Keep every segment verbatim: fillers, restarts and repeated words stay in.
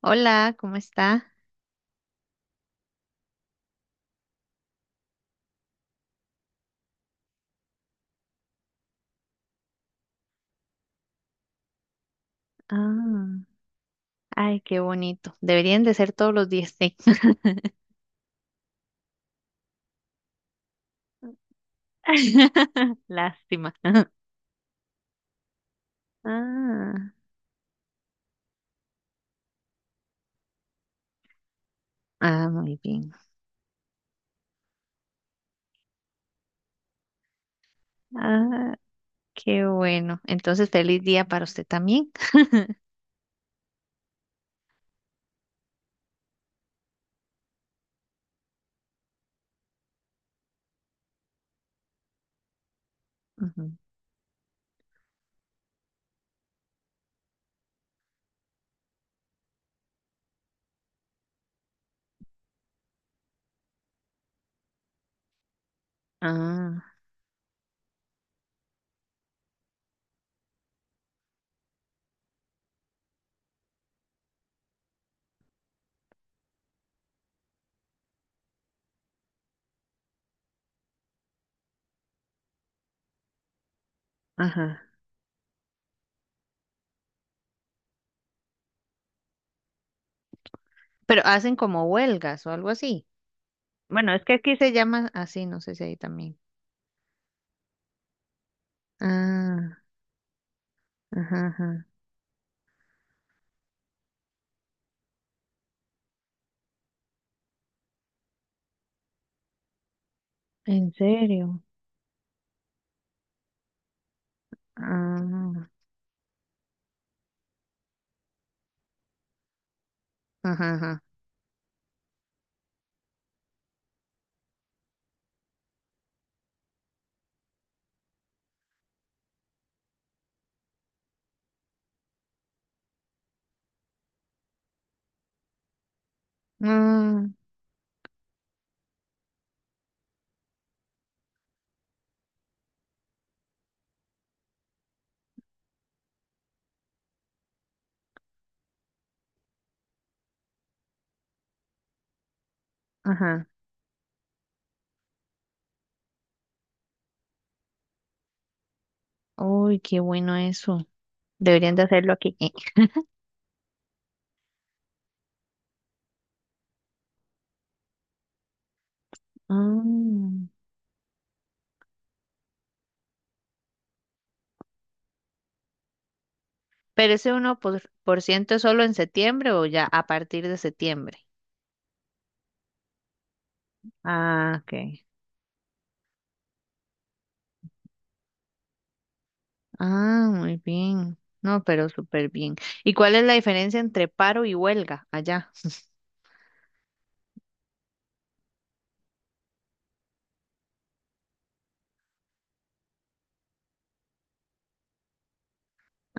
Hola, ¿cómo está? Ah, ay, qué bonito. Deberían de ser todos los días, sí. Lástima. Ah, ah, muy bien. Ah, qué bueno. Entonces, feliz día para usted también. Ujú. Ah, ajá. Pero hacen como huelgas o algo así. Bueno, es que aquí se llama así, no sé si ahí también. Ah, ajá, ajá. ¿En serio? Ah, ajá, ajá. Ah, ajá. Uy, qué bueno eso. Deberían de hacerlo aquí. Eh, mm. Pero ese uno por, por ciento es solo en septiembre o ya a partir de septiembre. Ah, ok. Ah, muy bien. No, pero súper bien. ¿Y cuál es la diferencia entre paro y huelga allá?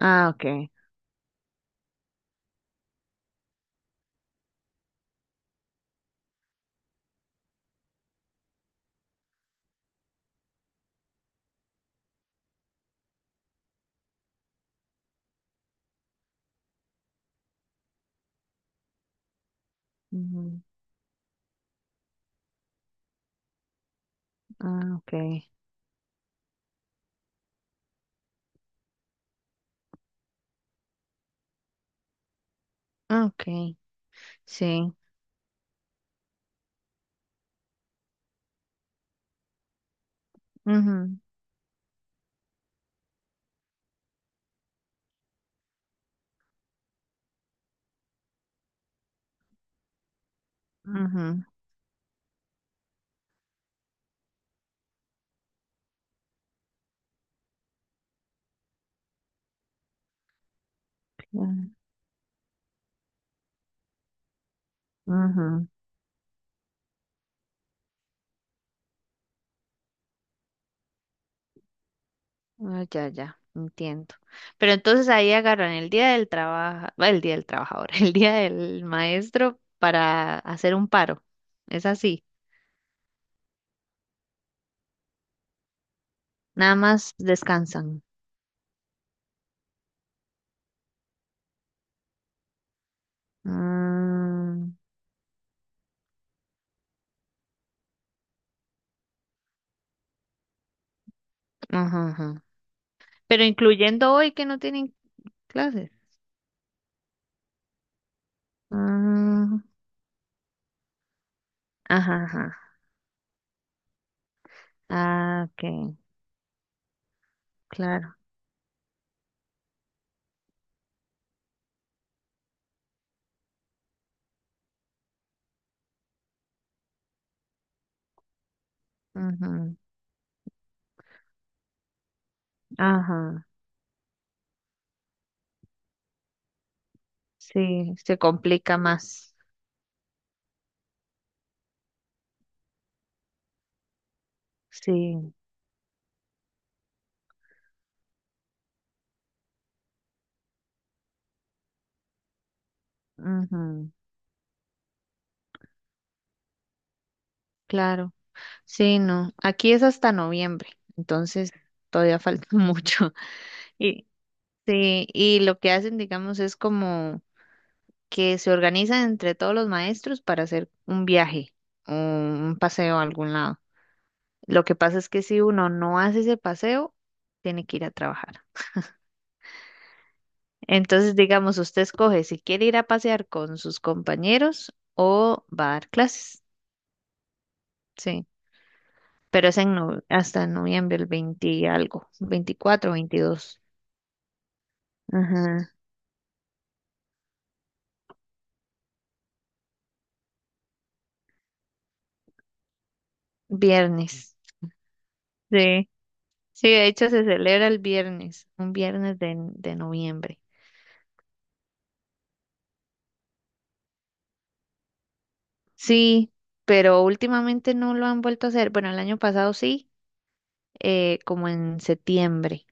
Ah, ok. Ujú. Ah, ok. Ok. Sí. Ujú, ujú, ujú, ujú. Ah, ya, ya, entiendo. Pero entonces ahí agarran el día del trabajo, el día del trabajador, el día del maestro para hacer un paro. Es así. Nada más descansan. Mm, ajá, ajá. Pero incluyendo hoy que no tienen clases. Mm, ajá, ajá. Ah, ok, claro. Ujú. Ajá. Sí, se complica más. Sí, ujú, claro. Sí, no. Aquí es hasta noviembre, entonces todavía falta mucho. Y sí, y lo que hacen, digamos, es como que se organizan entre todos los maestros para hacer un viaje o un paseo a algún lado. Lo que pasa es que si uno no hace ese paseo, tiene que ir a trabajar. Entonces, digamos, usted escoge si quiere ir a pasear con sus compañeros o va a dar clases. Sí, pero es en no- hasta noviembre, el veinte y algo, veinticuatro, veintidós. Ajá. Viernes. Sí. Sí, de hecho se celebra el viernes, un viernes de, de noviembre. Sí, pero últimamente no lo han vuelto a hacer. Bueno, el año pasado sí, eh, como en septiembre,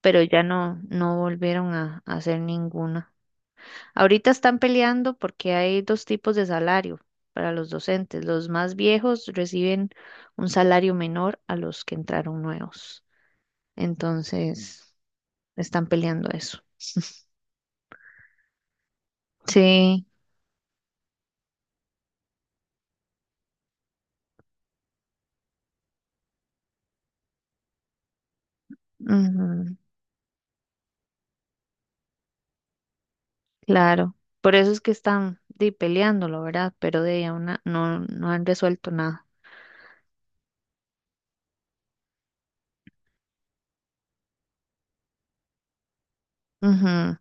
pero ya no, no volvieron a, a hacer ninguna. Ahorita están peleando porque hay dos tipos de salario para los docentes. Los más viejos reciben un salario menor a los que entraron nuevos. Entonces, están peleando eso. Sí. Ujú. Claro, por eso es que están di, peleándolo, ¿verdad? Pero de ahí a una no, no han resuelto nada. Ujú,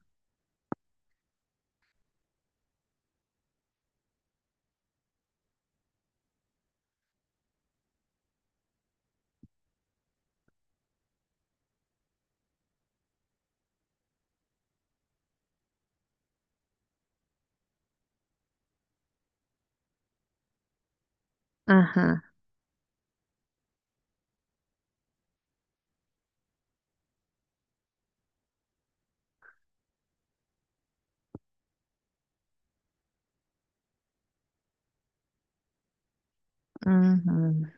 ajá, ujú,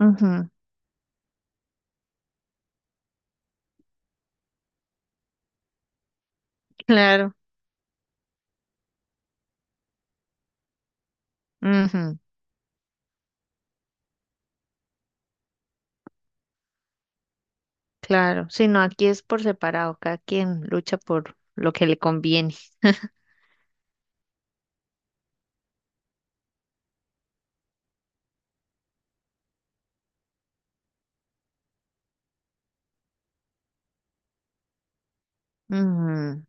ujú, claro, ujú, claro. Si no, aquí es por separado, cada quien lucha por lo que le conviene. Ujú,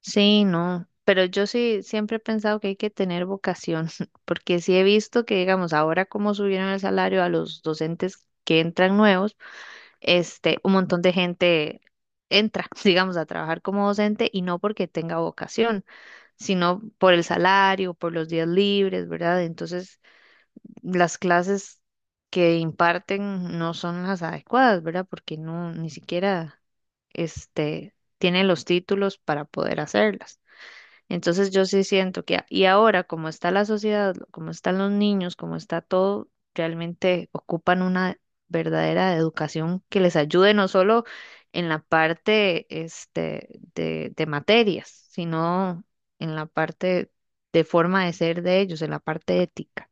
sí, no, pero yo sí siempre he pensado que hay que tener vocación, porque sí he visto que, digamos, ahora como subieron el salario a los docentes que entran nuevos, este, un montón de gente entra, digamos, a trabajar como docente y no porque tenga vocación, sino por el salario, por los días libres, ¿verdad? Entonces, las clases que imparten no son las adecuadas, ¿verdad? Porque no, ni siquiera, este, tienen los títulos para poder hacerlas. Entonces yo sí siento que, a- y ahora como está la sociedad, como están los niños, como está todo, realmente ocupan una verdadera educación que les ayude no solo en la parte este, de, de materias, sino en la parte de forma de ser de ellos, en la parte ética.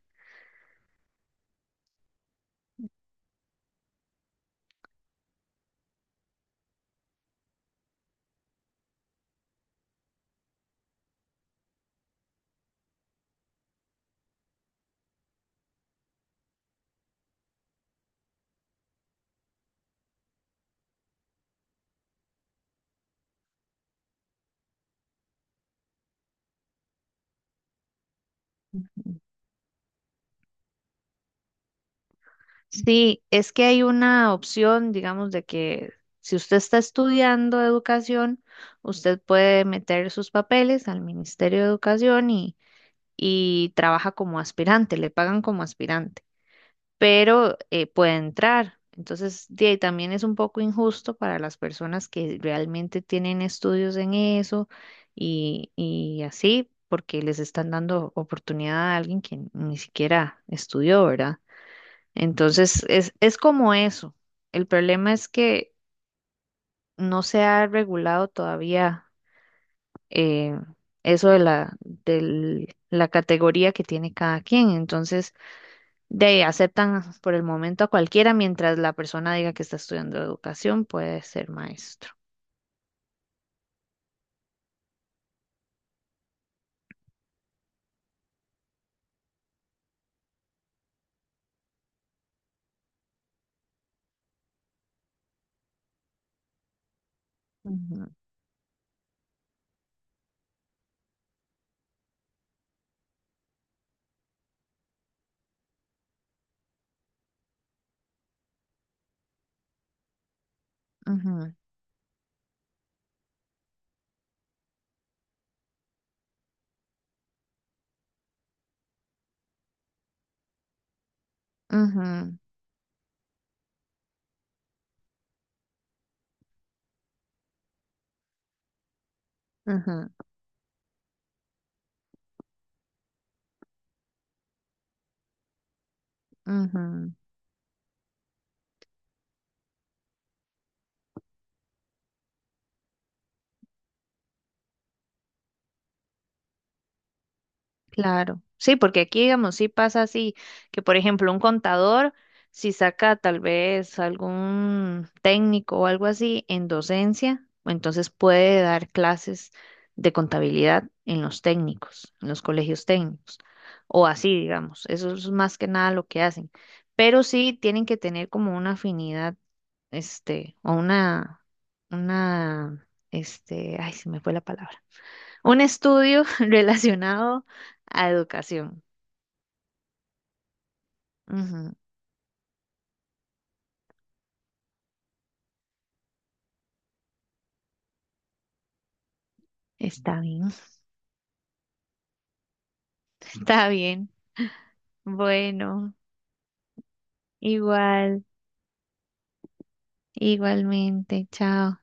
Sí, es que hay una opción, digamos, de que si usted está estudiando educación, usted puede meter sus papeles al Ministerio de Educación y y trabaja como aspirante, le pagan como aspirante, pero eh, puede entrar. Entonces, de ahí también es un poco injusto para las personas que realmente tienen estudios en eso y, y así, porque les están dando oportunidad a alguien que ni siquiera estudió, ¿verdad? Entonces, es, es como eso. El problema es que no se ha regulado todavía eh, eso de la, de la categoría que tiene cada quien. Entonces, de ahí, aceptan por el momento a cualquiera mientras la persona diga que está estudiando educación, puede ser maestro. Ujú, ujú, ujú, ujú, ujú, claro, sí, porque aquí, digamos, sí pasa así, que por ejemplo un contador, si saca tal vez algún técnico o algo así en docencia, entonces puede dar clases de contabilidad en los técnicos, en los colegios técnicos, o así, digamos, eso es más que nada lo que hacen, pero sí tienen que tener como una afinidad, este, o una, una, este, ay, se me fue la palabra un estudio relacionado a educación. Ujú, está bien, está bien. Bueno, igual, igualmente, chao.